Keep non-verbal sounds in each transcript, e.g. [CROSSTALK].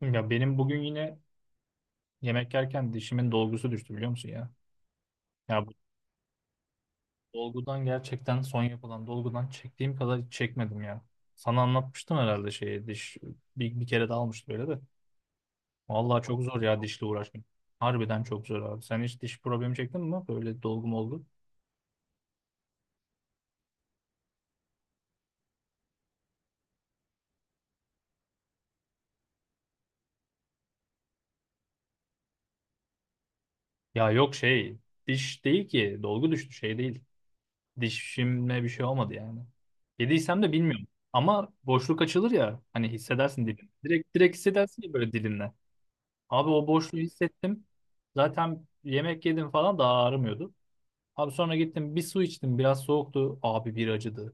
Ya benim bugün yine yemek yerken dişimin dolgusu düştü biliyor musun ya? Ya bu dolgudan gerçekten son yapılan dolgudan çektiğim kadar çekmedim ya. Sana anlatmıştım herhalde şeyi diş bir kere de almıştı böyle de. Vallahi çok zor ya dişle uğraşmak. Harbiden çok zor abi. Sen hiç diş problemi çektin mi? Böyle dolgum oldu. Ya yok şey diş değil ki dolgu düştü şey değil. Dişimle bir şey olmadı yani. Yediysem de bilmiyorum. Ama boşluk açılır ya hani hissedersin dilin. Direkt direkt hissedersin ya böyle dilinle. Abi o boşluğu hissettim. Zaten yemek yedim falan daha ağrımıyordu. Abi sonra gittim bir su içtim. Biraz soğuktu. Abi bir acıdı.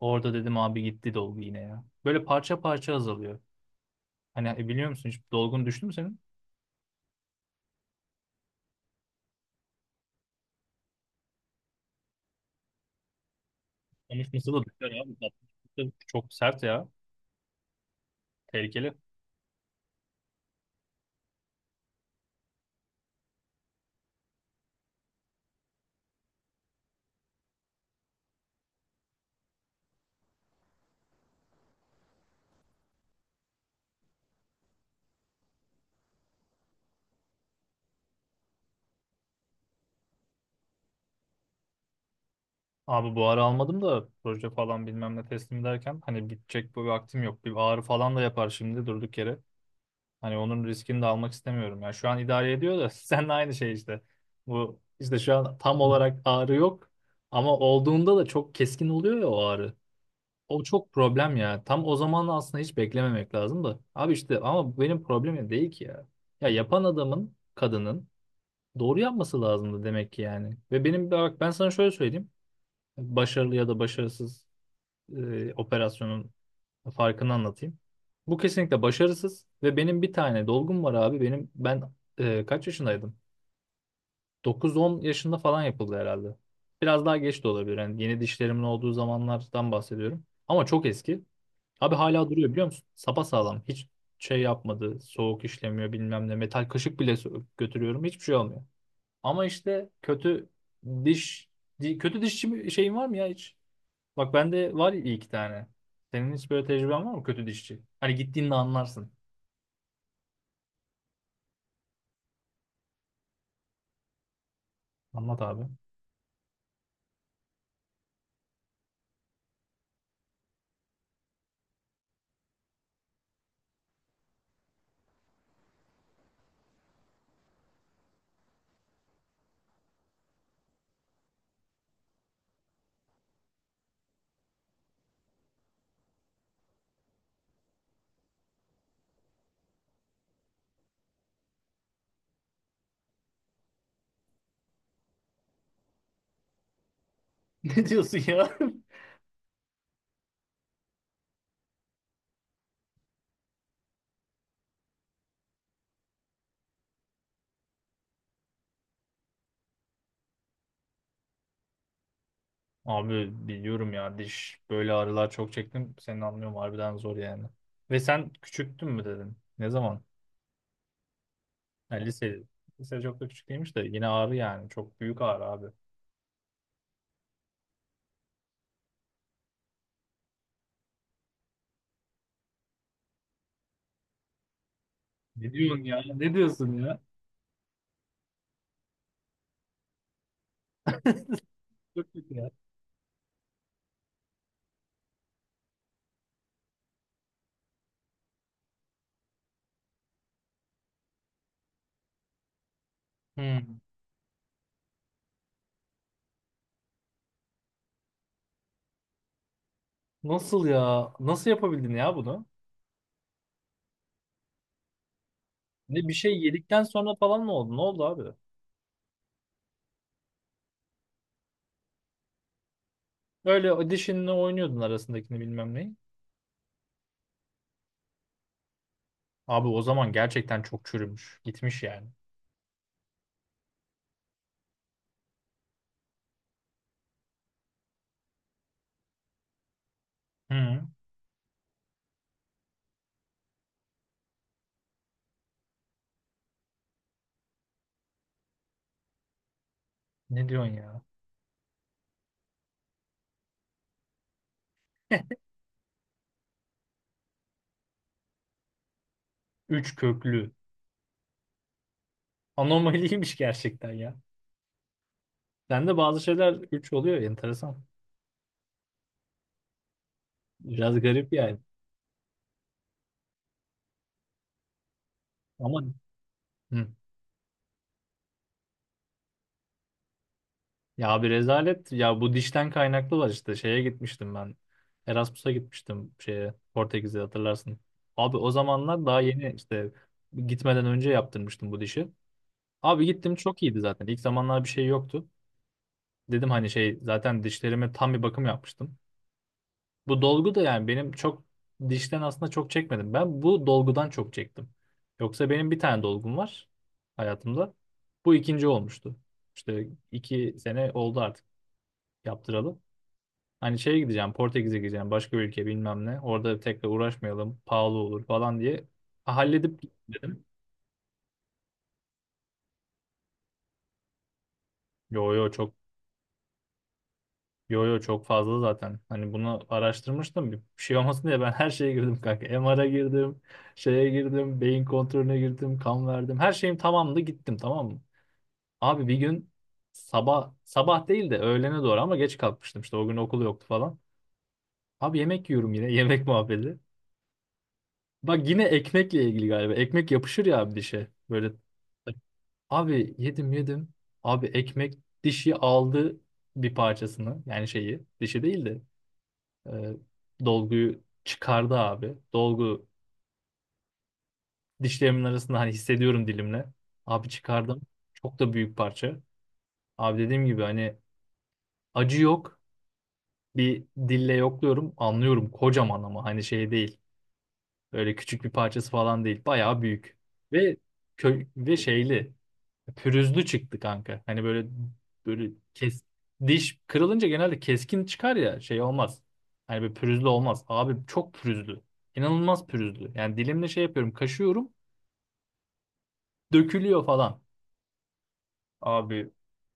Orada dedim abi gitti dolgu yine ya. Böyle parça parça azalıyor. Hani biliyor musun hiç dolgun düştü mü senin? Konuşması da düşer abi. Tatlı. Çok sert ya. Tehlikeli. Abi bu ara almadım da proje falan bilmem ne teslim ederken hani bitecek bu vaktim yok. Bir ağrı falan da yapar şimdi durduk yere. Hani onun riskini de almak istemiyorum. Yani şu an idare ediyor da [LAUGHS] seninle aynı şey işte. Bu işte şu an tam olarak ağrı yok ama olduğunda da çok keskin oluyor ya o ağrı. O çok problem ya. Tam o zaman aslında hiç beklememek lazım da. Abi işte ama bu benim problemim değil ki ya. Ya yapan adamın, kadının doğru yapması lazımdı demek ki yani. Ve benim bak ben sana şöyle söyleyeyim. Başarılı ya da başarısız operasyonun farkını anlatayım. Bu kesinlikle başarısız ve benim bir tane dolgum var abi. Ben kaç yaşındaydım? 9-10 yaşında falan yapıldı herhalde. Biraz daha geç de olabilir. Yani yeni dişlerimin olduğu zamanlardan bahsediyorum. Ama çok eski. Abi hala duruyor biliyor musun? Sapasağlam. Hiç şey yapmadı. Soğuk işlemiyor bilmem ne. Metal kaşık bile götürüyorum. Hiçbir şey olmuyor. Ama işte diş kötü dişçi şeyin var mı ya hiç? Bak bende var iyi iki tane. Senin hiç böyle tecrüben var mı kötü dişçi? Hani gittiğinde anlarsın. Anlat abi. [LAUGHS] Ne diyorsun ya? Abi biliyorum ya diş böyle ağrılar çok çektim. Seni anlıyorum harbiden zor yani. Ve sen küçüktün mü dedin? Ne zaman? Ha, lise. Lise çok da küçük değilmiş de yine ağrı yani. Çok büyük ağrı abi. Ne diyorsun ya? Ne diyorsun ya? Çok kötü ya. Hmm. Nasıl ya? Nasıl yapabildin ya bunu? Ne bir şey yedikten sonra falan mı oldu? Ne oldu abi? Öyle audition'la oynuyordun arasındakini bilmem neyi. Abi o zaman gerçekten çok çürümüş. Gitmiş yani. Hı. Ne diyorsun ya? 3 köklü. Anomaliymiş gerçekten ya. Sende bazı şeyler üç oluyor. Enteresan. Biraz garip yani. Ama hı. Ya bir rezalet. Ya bu dişten kaynaklı var işte. Şeye gitmiştim ben. Erasmus'a gitmiştim şeye. Portekiz'e hatırlarsın. Abi o zamanlar daha yeni işte gitmeden önce yaptırmıştım bu dişi. Abi gittim çok iyiydi zaten. İlk zamanlar bir şey yoktu. Dedim hani şey zaten dişlerime tam bir bakım yapmıştım. Bu dolgu da yani benim çok dişten aslında çok çekmedim. Ben bu dolgudan çok çektim. Yoksa benim bir tane dolgum var hayatımda. Bu ikinci olmuştu. İşte 2 sene oldu artık yaptıralı. Hani şeye gideceğim Portekiz'e gideceğim başka bir ülke bilmem ne. Orada tekrar uğraşmayalım pahalı olur falan diye. Ha, halledip dedim. Yo yo çok Yo yo çok fazla zaten. Hani bunu araştırmıştım. Bir şey olmasın diye ben her şeye girdim kanka. MR'a girdim, şeye girdim, beyin kontrolüne girdim, kan verdim. Her şeyim tamamdı gittim tamam mı? Abi bir gün sabah sabah değil de öğlene doğru ama geç kalkmıştım. İşte o gün okul yoktu falan. Abi yemek yiyorum yine [LAUGHS] yemek muhabbeti. Bak yine ekmekle ilgili galiba. Ekmek yapışır ya abi dişe. Böyle abi yedim yedim. Abi ekmek dişi aldı bir parçasını yani şeyi dişi değil de E, dolguyu çıkardı abi. Dolgu dişlerimin arasında hani hissediyorum dilimle. Abi çıkardım. Çok da büyük parça. Abi dediğim gibi hani acı yok. Bir dille yokluyorum. Anlıyorum kocaman ama hani şey değil. Böyle küçük bir parçası falan değil. Bayağı büyük. Ve kö ve şeyli. Pürüzlü çıktı kanka. Hani böyle böyle kes diş kırılınca genelde keskin çıkar ya şey olmaz. Hani böyle pürüzlü olmaz. Abi çok pürüzlü. İnanılmaz pürüzlü. Yani dilimle şey yapıyorum, kaşıyorum, dökülüyor falan. Abi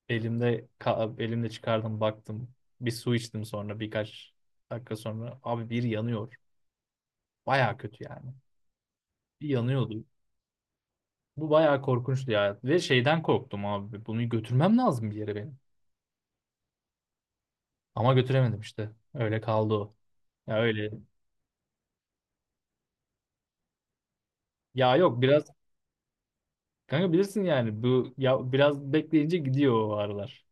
elimde çıkardım baktım. Bir su içtim sonra birkaç dakika sonra abi bir yanıyor. Baya kötü yani. Bir yanıyordu. Bu bayağı korkunçtu ya. Ve şeyden korktum abi. Bunu götürmem lazım bir yere benim. Ama götüremedim işte. Öyle kaldı o. Ya öyle ya yok biraz kanka bilirsin yani bu ya biraz bekleyince gidiyor o ağrılar.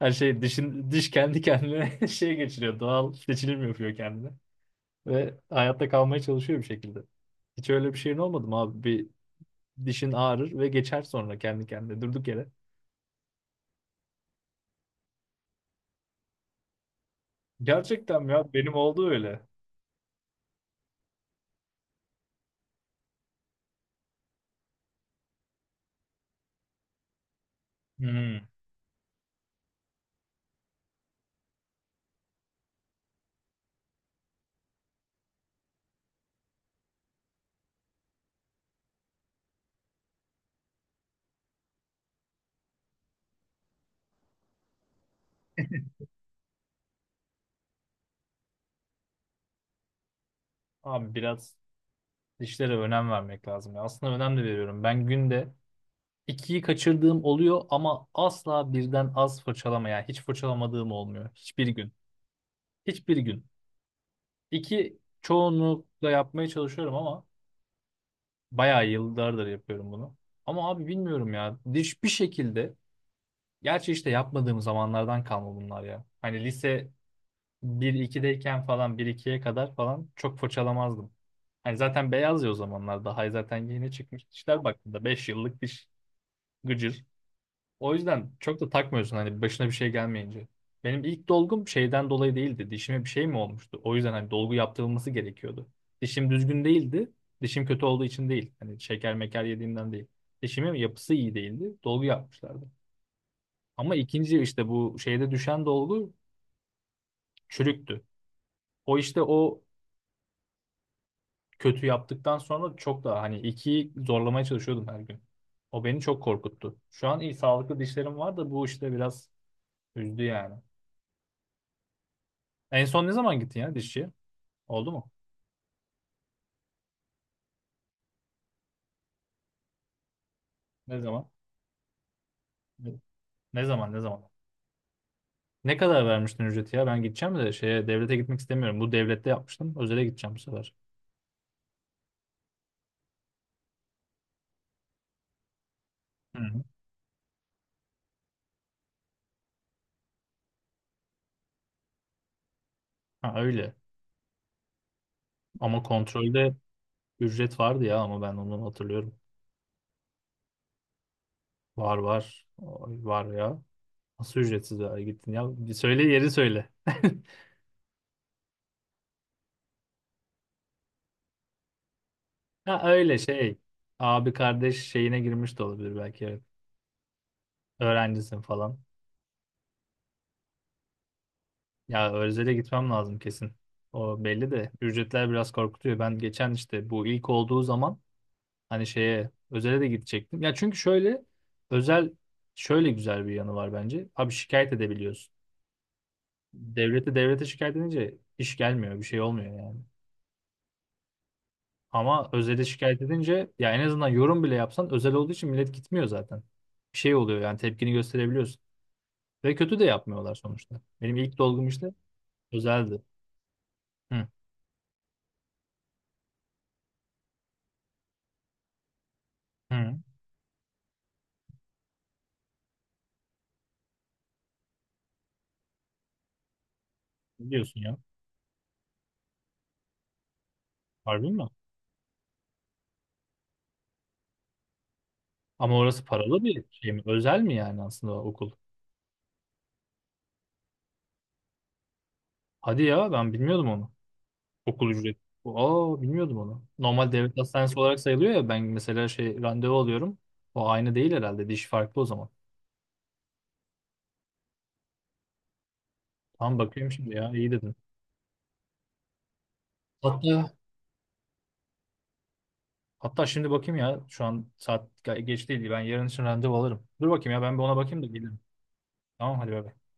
Her şey dişin diş kendi kendine [LAUGHS] şey geçiriyor. Doğal seçilim yapıyor kendine ve hayatta kalmaya çalışıyor bir şekilde. Hiç öyle bir şeyin olmadı mı abi? Bir dişin ağrır ve geçer sonra kendi kendine durduk yere. Gerçekten mi ya benim oldu öyle. Hmm. Abi biraz dişlere önem vermek lazım ya. Aslında önem de veriyorum. Ben günde ikiyi kaçırdığım oluyor ama asla birden az fırçalama yani hiç fırçalamadığım olmuyor. Hiçbir gün. Hiçbir gün. İki çoğunlukla yapmaya çalışıyorum ama bayağı yıllardır yapıyorum bunu. Ama abi bilmiyorum ya. Diş bir şekilde gerçi işte yapmadığım zamanlardan kalma bunlar ya. Hani lise 1-2'deyken falan bir ikiye kadar falan çok fırçalamazdım. Hani zaten beyaz ya o zamanlar daha zaten yeni çıkmış dişler baktığında 5 yıllık diş gıcır. O yüzden çok da takmıyorsun hani başına bir şey gelmeyince. Benim ilk dolgum şeyden dolayı değildi. Dişime bir şey mi olmuştu? O yüzden hani dolgu yaptırılması gerekiyordu. Dişim düzgün değildi. Dişim kötü olduğu için değil. Hani şeker meker yediğimden değil. Dişimin yapısı iyi değildi. Dolgu yapmışlardı. Ama ikinci işte bu şeyde düşen dolgu çürüktü. O işte o kötü yaptıktan sonra çok daha hani ikiyi zorlamaya çalışıyordum her gün. O beni çok korkuttu. Şu an iyi sağlıklı dişlerim var da bu işte biraz üzdü yani. En son ne zaman gittin ya dişçiye? Oldu mu? Ne zaman? Ne ne zaman ne zaman? Ne kadar vermiştin ücreti ya? Ben gideceğim de şeye devlete gitmek istemiyorum. Bu devlette yapmıştım. Özele gideceğim bu sefer. Hı hı. Ha öyle. Ama kontrolde ücret vardı ya ama ben onu hatırlıyorum. Var var. Ay, var ya. Nasıl ücretsiz ya gittin ya? Bir söyle yeri söyle. [LAUGHS] Ha öyle şey. Abi kardeş şeyine girmiş de olabilir belki. Evet. Öğrencisin falan. Ya Özel'e gitmem lazım kesin. O belli de ücretler biraz korkutuyor. Ben geçen işte bu ilk olduğu zaman hani şeye Özel'e de gidecektim. Ya çünkü şöyle Özel şöyle güzel bir yanı var bence. Abi şikayet edebiliyorsun. Devlete devlete şikayet edince iş gelmiyor, bir şey olmuyor yani. Ama Özel'e şikayet edince ya en azından yorum bile yapsan Özel olduğu için millet gitmiyor zaten. Bir şey oluyor yani tepkini gösterebiliyorsun. Ve kötü de yapmıyorlar sonuçta. Benim ilk dolgum işte Özel'di. Hı, hı. Ne diyorsun ya? Harbi mi? Ama orası paralı bir şey mi? Özel mi yani aslında o okul? Hadi ya ben bilmiyordum onu. Okul ücreti. Aa bilmiyordum onu. Normal devlet hastanesi olarak sayılıyor ya ben mesela şey randevu alıyorum. O aynı değil herhalde. Diş farklı o zaman. Tamam bakıyorum şimdi ya iyi dedin. Hatta hatta şimdi bakayım ya şu an saat geç değil. Ben yarın için randevu alırım. Dur bakayım ya ben bir ona bakayım da gelirim. Tamam hadi bay bay.